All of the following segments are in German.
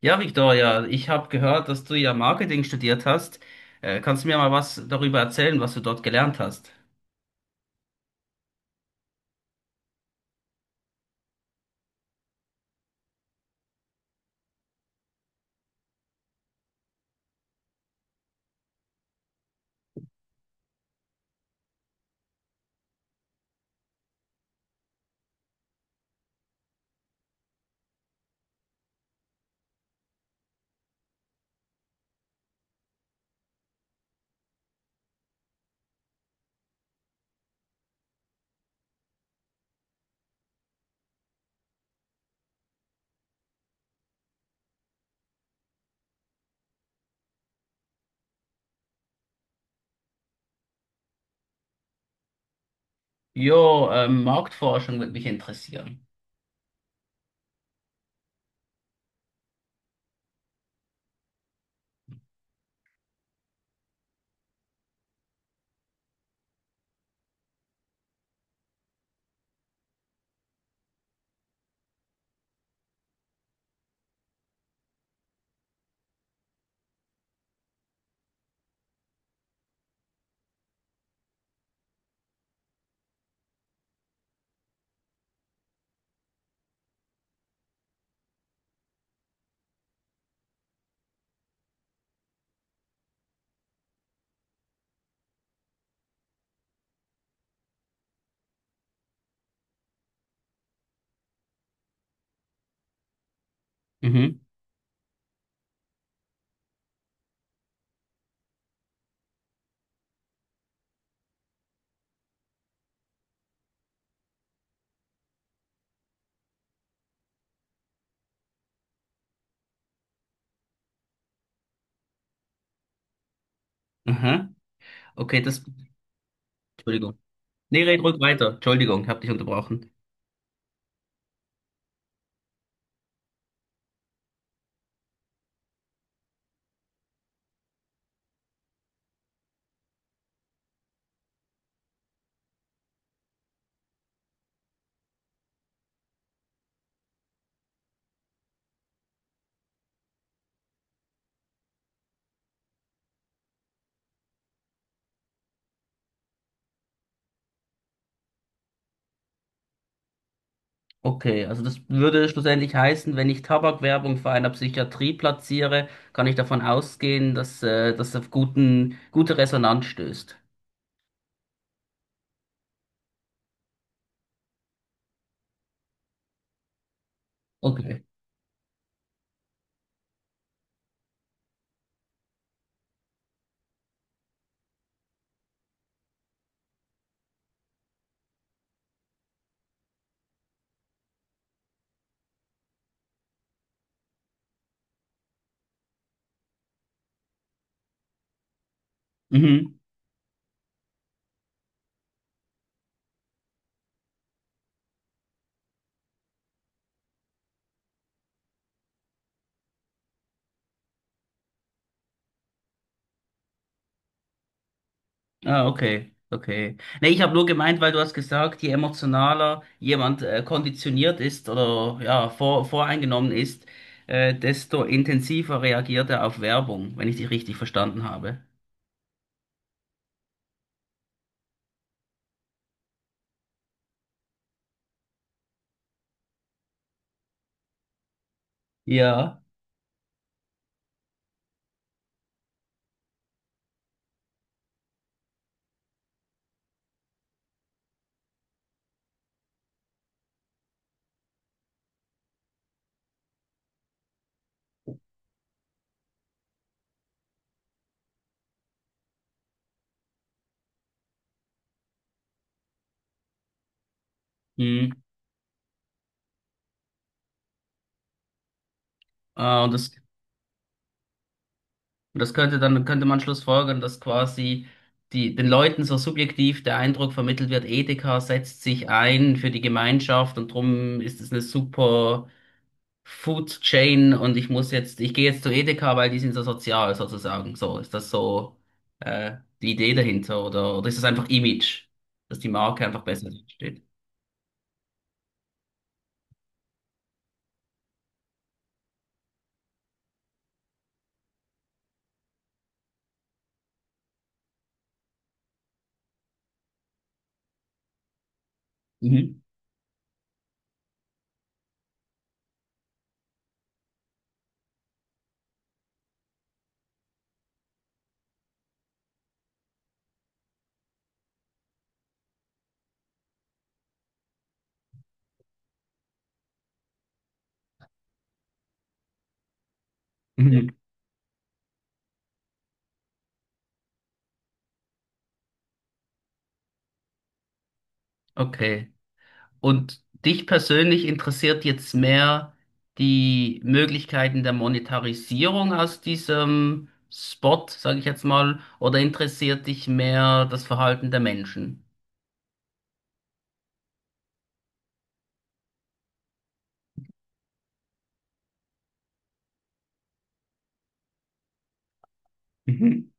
Ja, Victoria, ich habe gehört, dass du ja Marketing studiert hast. Kannst du mir mal was darüber erzählen, was du dort gelernt hast? Marktforschung würde mich interessieren. Mhm. Aha. Okay, das. Entschuldigung. Nee, red ruhig weiter. Entschuldigung, ich habe dich unterbrochen. Okay, also das würde schlussendlich heißen, wenn ich Tabakwerbung vor einer Psychiatrie platziere, kann ich davon ausgehen, dass das auf gute Resonanz stößt. Okay. Mhm. Ah, okay, okay. Nee, ich habe nur gemeint, weil du hast gesagt, je emotionaler jemand konditioniert ist oder ja, voreingenommen ist, desto intensiver reagiert er auf Werbung, wenn ich dich richtig verstanden habe. Ja. Hm. Ah, und das könnte man schlussfolgern, dass quasi den Leuten so subjektiv der Eindruck vermittelt wird, Edeka setzt sich ein für die Gemeinschaft und drum ist es eine super Food Chain und ich gehe jetzt zu Edeka, weil die sind so sozial sozusagen. So, ist das so die Idee dahinter oder ist das einfach Image, dass die Marke einfach besser steht? Mhm. Mhm. Okay. Und dich persönlich interessiert jetzt mehr die Möglichkeiten der Monetarisierung aus diesem Spot, sage ich jetzt mal, oder interessiert dich mehr das Verhalten der Menschen? Mhm.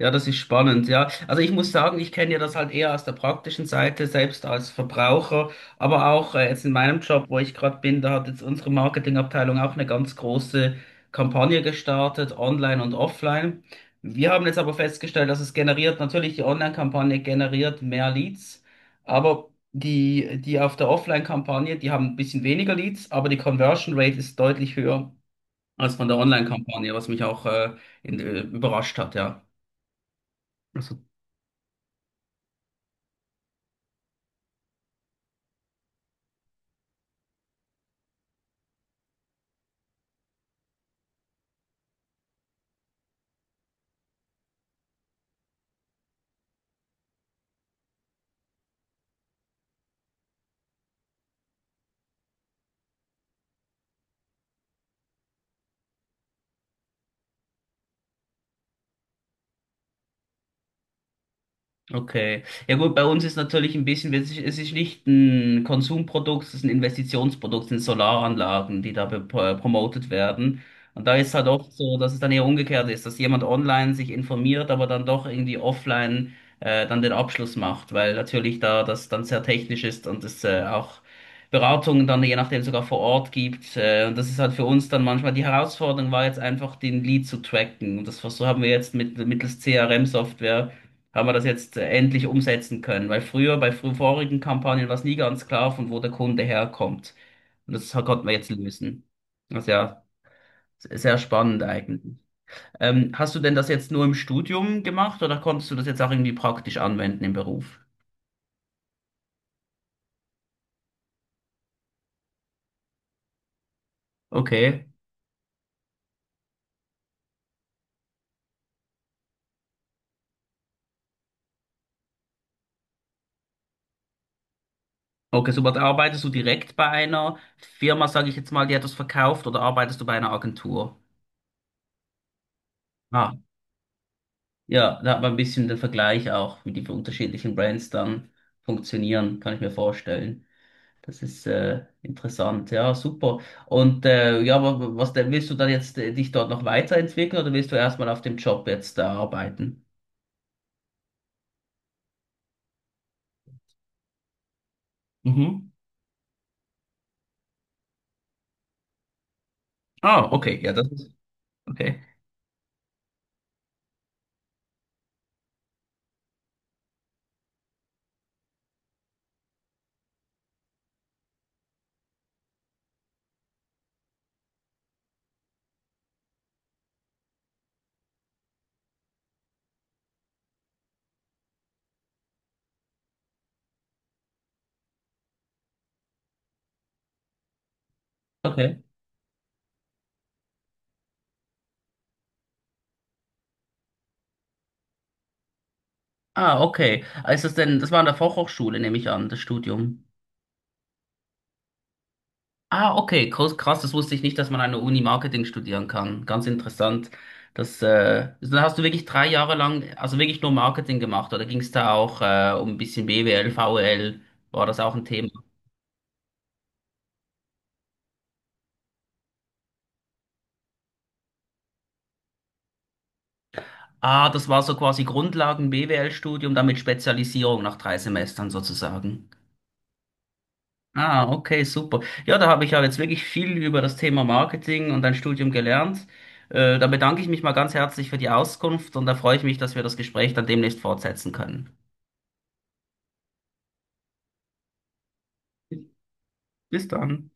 Ja, das ist spannend, ja. Also ich muss sagen, ich kenne ja das halt eher aus der praktischen Seite, selbst als Verbraucher, aber auch jetzt in meinem Job, wo ich gerade bin, da hat jetzt unsere Marketingabteilung auch eine ganz große Kampagne gestartet, online und offline. Wir haben jetzt aber festgestellt, dass natürlich die Online-Kampagne generiert mehr Leads, aber die auf der Offline-Kampagne, die haben ein bisschen weniger Leads, aber die Conversion Rate ist deutlich höher als von der Online-Kampagne, was mich auch überrascht hat, ja. Also. Okay. Ja gut, bei uns ist natürlich ein bisschen, es ist nicht ein Konsumprodukt, es ist ein Investitionsprodukt, es sind Solaranlagen, die da promotet werden. Und da ist halt oft so, dass es dann eher umgekehrt ist, dass jemand online sich informiert, aber dann doch irgendwie offline dann den Abschluss macht, weil natürlich da das dann sehr technisch ist und es auch Beratungen dann je nachdem sogar vor Ort gibt. Und das ist halt für uns dann manchmal die Herausforderung war jetzt einfach, den Lead zu tracken. Und das haben wir jetzt mittels CRM-Software haben wir das jetzt endlich umsetzen können. Weil früher, bei vorigen Kampagnen war es nie ganz klar, von wo der Kunde herkommt. Und das konnten wir jetzt lösen. Also ja, sehr spannend eigentlich. Hast du denn das jetzt nur im Studium gemacht oder konntest du das jetzt auch irgendwie praktisch anwenden im Beruf? Okay. Okay, super. Da arbeitest du direkt bei einer Firma, sage ich jetzt mal, die etwas verkauft, oder arbeitest du bei einer Agentur? Ah, ja, da hat man ein bisschen den Vergleich auch, wie die unterschiedlichen Brands dann funktionieren, kann ich mir vorstellen. Das ist interessant, ja, super. Und ja, was denn, willst du dann jetzt dich dort noch weiterentwickeln oder willst du erstmal auf dem Job jetzt arbeiten? Mhm. Ah, okay, ja, das ist okay. Okay. Ah, okay. Ah, das war an der Fachhochschule, nehme ich an, das Studium. Ah, okay, krass, krass, das wusste ich nicht, dass man an der Uni Marketing studieren kann. Ganz interessant. Dann hast du wirklich 3 Jahre lang, also wirklich nur Marketing gemacht, oder ging es da auch um ein bisschen BWL, VWL? War das auch ein Thema? Ah, das war so quasi Grundlagen-BWL-Studium, dann mit Spezialisierung nach 3 Semestern sozusagen. Ah, okay, super. Ja, da habe ich ja jetzt wirklich viel über das Thema Marketing und dein Studium gelernt. Da bedanke ich mich mal ganz herzlich für die Auskunft und da freue ich mich, dass wir das Gespräch dann demnächst fortsetzen können. Bis dann.